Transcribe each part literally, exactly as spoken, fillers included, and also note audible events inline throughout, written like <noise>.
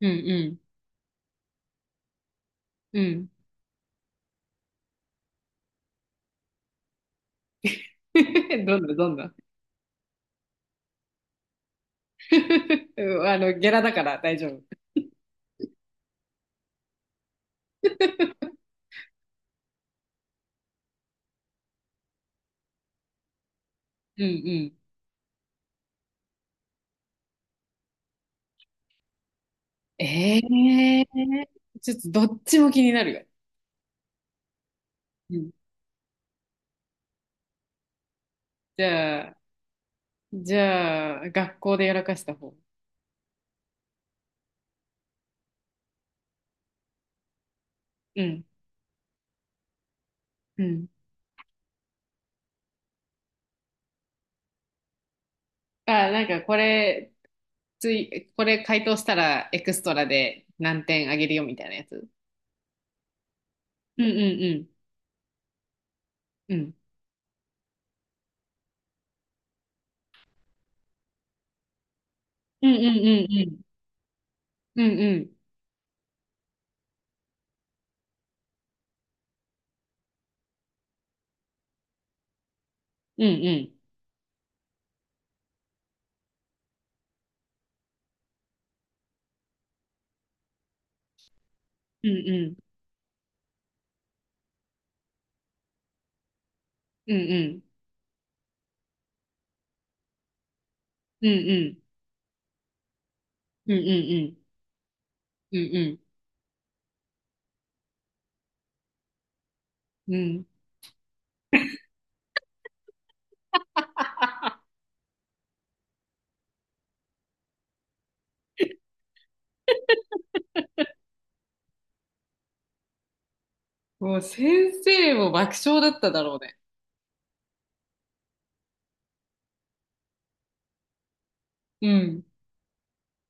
うんうん。うん。<laughs> どんなどんな <laughs>。うんあの、ゲラだから大丈夫。うんうん。ええーちょっとどっちも気になるよ。うん。じゃあ、じゃあ、学校でやらかした方。うん。うん。あ、なんかこれ、つい、これ回答したらエクストラで何点あげるよみたいなやつ。うんうんうん。うん。うんうんうんうん。うんうん。うんうん。うんうん。うんうん。うんうん。うんうん。うんうん。うんうん。うんうん、もう先生も爆笑だっただろうね。うん。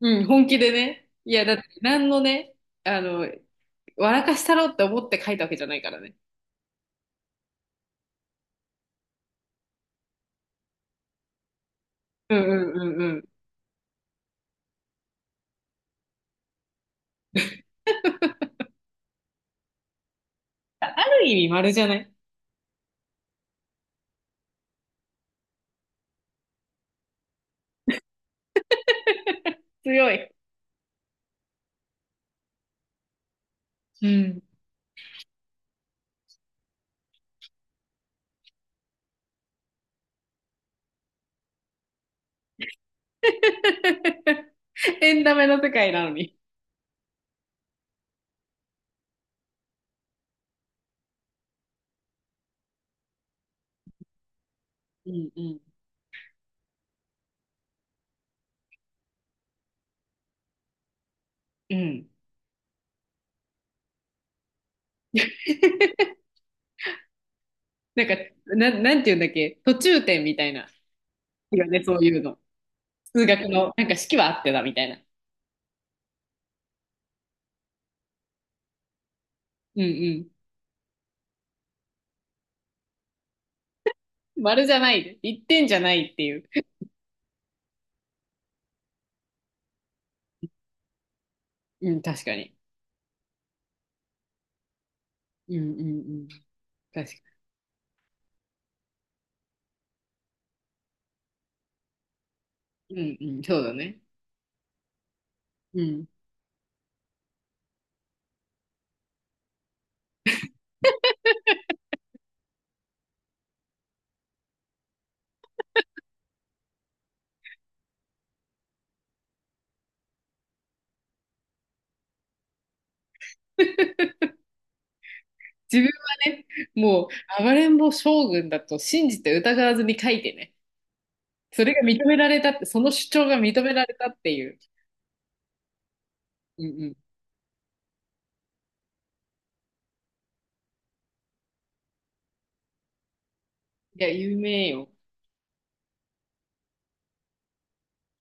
うん、本気でね。いや、だって何のね、あの、笑かしたろって思って書いたわけじゃないからね。うんうんうんうん。ある意味丸じゃない？強い。うん。<laughs> エンタメの世界なのに。うんうんうん。なんか、な、なんて言うんだっけ、途中点みたいな。いやね、そういうの。数学の、なんか式はあってだみたいな。うんうん。丸じゃない。一点じゃないっていう。うん、確かに。うんうんうん。確かに。うんうん、そうだね。うん。<laughs> 自分はね、もう、暴れん坊将軍だと信じて疑わずに書いてね。それが認められたって、その主張が認められたっていう。うんうん。いや、有名よ。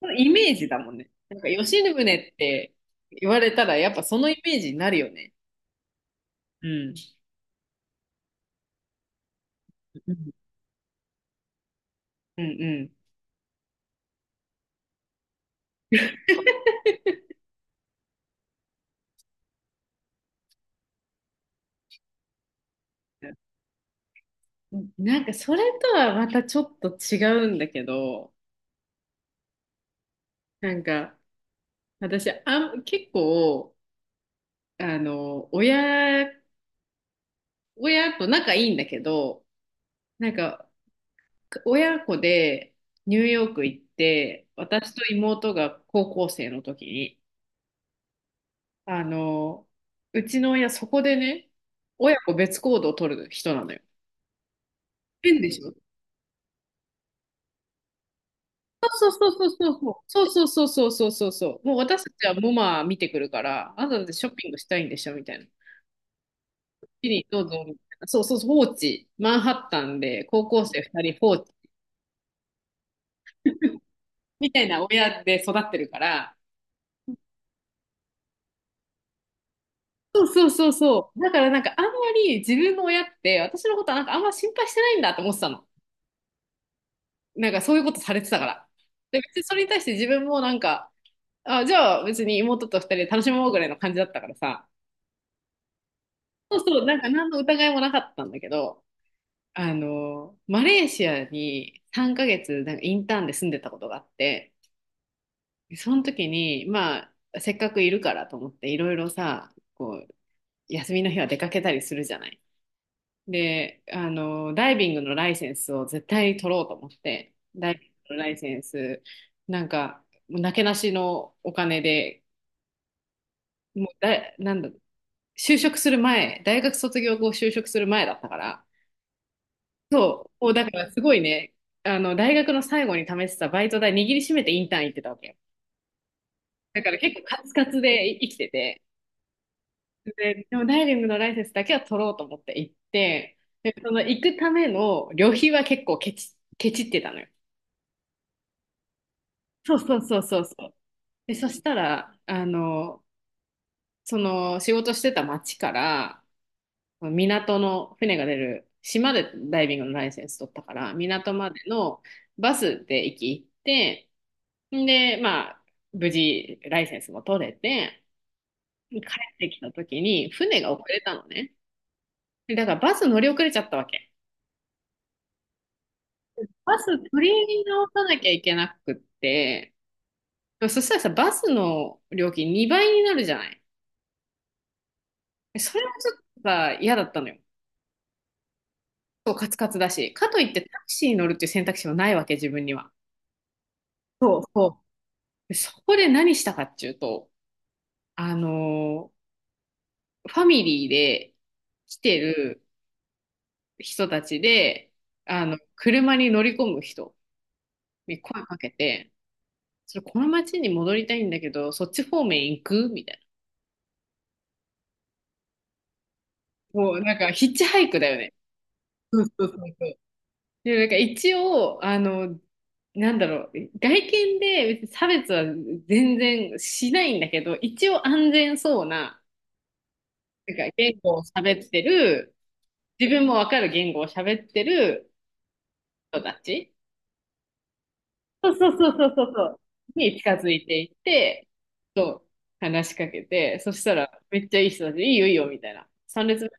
そのイメージだもんね。なんか、吉宗って言われたら、やっぱそのイメージになるよね。うん。うんうんうん。なんか、それとはまたちょっと違うんだけど、なんか、私、あん、結構、あの、親、親と仲いいんだけど、なんか、親子でニューヨーク行って、私と妹が高校生の時に、あの、うちの親そこでね、親子別行動を取る人なのよ。変でしょ？そうそうそうそうそうそうそうそうそうそうそうそうもう私たちはモマ見てくるからあなただってショッピングしたいんでしょみたいな。チリどうぞみたいな。そうそうそう放置、マンハッタンで高校生ふたり放置みたいな親で育ってるから、そうそうそうそう。だからなんかあんまり自分の親って私のことはなんかあんま心配してないんだと思ってたの。なんかそういうことされてたから。で、別にそれに対して自分もなんか、あ、じゃあ別に妹と二人で楽しもうぐらいの感じだったからさ。そうそう、なんか何の疑いもなかったんだけど、あの、マレーシアにさんかげつなんかインターンで住んでたことがあって、その時に、まあ、せっかくいるからと思っていろいろさ、こう、休みの日は出かけたりするじゃない。で、あの、ダイビングのライセンスを絶対取ろうと思って、ダイビングのライセンス、なんか、もうなけなしのお金で、もうだ、なんだ、就職する前、大学卒業後就職する前だったから、そう、もうだからすごいね、あの、大学の最後に試してたバイト代握りしめてインターン行ってたわけよ。だから結構カツカツでい生きてて、で、でもダイビングのライセンスだけは取ろうと思って行って、で、その行くための旅費は結構ケチ、ケチってたのよ。そうそうそうそうそう。で、そしたら、あの、その仕事してた町から、港の船が出る、島でダイビングのライセンス取ったから、港までのバスで駅行って、んで、まあ、無事ライセンスも取れて、帰ってきた時に船が遅れたのね。でだからバス乗り遅れちゃったわけ。バス取り直さなきゃいけなくって、そしたらさ、バスの料金にばいになるじゃない。それもちょっとさ、嫌だったのよ。そう、カツカツだし、かといってタクシーに乗るっていう選択肢はないわけ、自分には。そうそうでそこで何したかっていうと、あのーファミリーで来てる人たちで、あの、車に乗り込む人に声かけて、それこの町に戻りたいんだけど、そっち方面行くみたいな。もうなんかヒッチハイクだよね。そう。そうそうそうでもなんか一応、あの、なんだろう、外見で別に差別は全然しないんだけど、一応安全そうな、なんか言語を喋ってる、自分もわかる言語を喋ってる人たち、そうそうそうそうそう、そうに近づいていって、そう話しかけて、そしたらめっちゃいい人たちで、いいよいいよみたいな、さん列目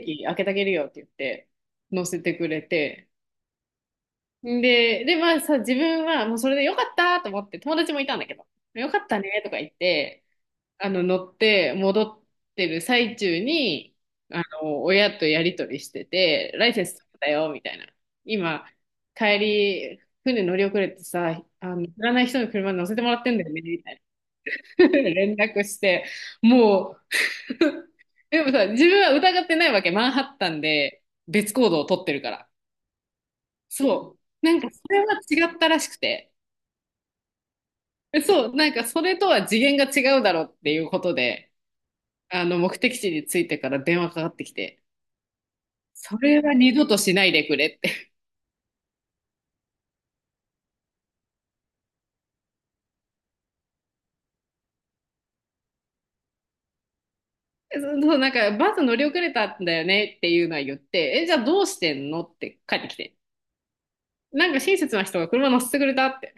席開けてあげるよって言って、乗せてくれて、で、で、まあさ、自分はもうそれでよかったと思って、友達もいたんだけど、よかったねとか言って、あの、乗って戻ってる最中に、あの、親とやりとりしてて、ライセンス取ったよ、みたいな。今、帰り、船乗り遅れてさ、あの、知らない人の車に乗せてもらってんだよね、みたいな。<laughs> 連絡して、もう <laughs> でもさ、自分は疑ってないわけ。マンハッタンで別行動を取ってるから。そう。なんか、それは違ったらしくて。<laughs> えそう、なんかそれとは次元が違うだろうっていうことで、あの、目的地に着いてから電話かかってきて、それは二度としないでくれって。<laughs> そう、そうなんかバス乗り遅れたんだよねっていうのは言って、え、じゃあどうしてんのって帰ってきて。なんか親切な人が車乗せてくれたって。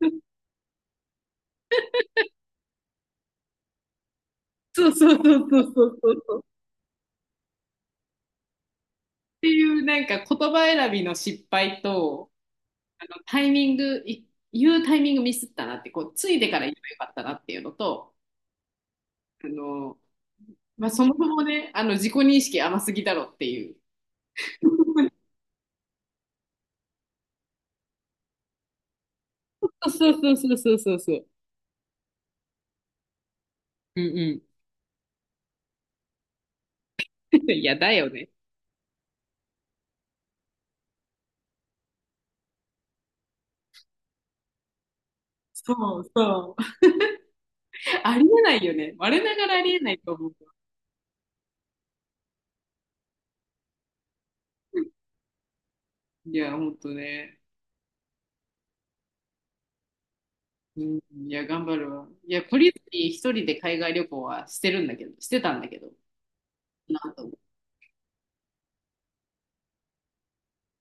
<laughs> そうそうそうそうそうそうそう。っていうなんか言葉選びの失敗と、あのタイミング、い言うタイミングミスったなって、こう、ついてから言えばよかったなっていうのと、あの、まあ、そもそもね、あの、自己認識甘すぎだろっていう。<laughs> そうそうそうそうそうそう。うんうん。<laughs> いや、だよね。そうそう。<laughs> ありえないよね。我ながらありえないと思う。いや、ほんとね。うん、いや、頑張るわ。いや、懲りずに一人で海外旅行はしてるんだけど、してたんだけど、なんと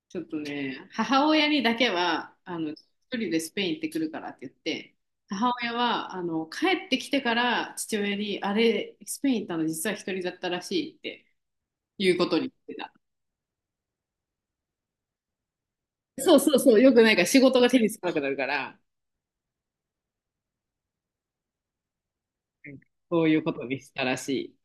ちょっとね、母親にだけは、あの、一人でスペイン行ってくるからって言って、母親は、あの、帰ってきてから父親に、あれ、スペイン行ったの実は一人だったらしいっていうことに言ってた。そうそうそう、よくないから仕事が手につかなくなるから、うんそういうことにしたらし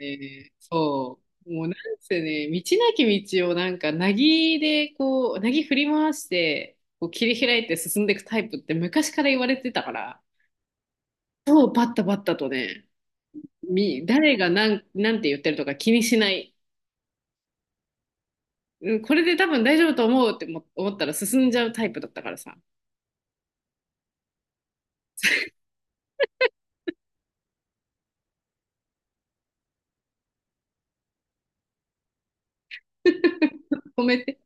い。えーそう。もうなんせね、道なき道をなんか、なぎでこう、なぎ振り回して、こう切り開いて進んでいくタイプって昔から言われてたから、そう、バッタバッタとね、み、誰がなん、なんて言ってるとか気にしない。うんこれで多分大丈夫と思うっても思ったら進んじゃうタイプだったからさ。<laughs> 止めて。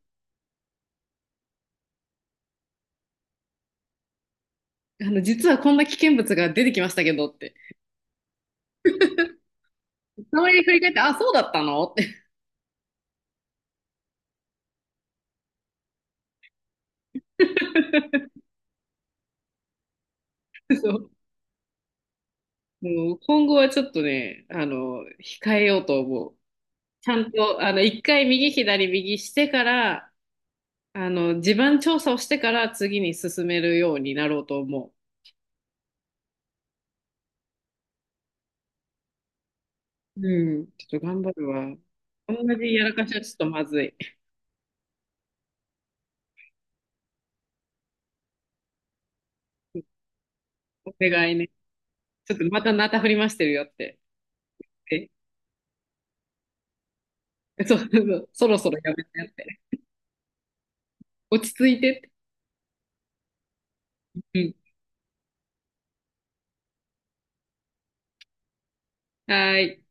あの、実はこんな危険物が出てきましたけどって。たまに振り返って、あ、そうだったのって。<laughs> そう。もう今後はちょっとね、あの、控えようと思う。ちゃんと、あの、一回右左右してから、あの、地盤調査をしてから次に進めるようになろうと思う。うん。ちょっと頑張るわ。同じやらかしはちょっとまずい。お願いね。ちょっとまたなた振りましてるよって。え、<laughs> そうそうそう、そろそろやめてやって。落ち着いてって。うん。はーい。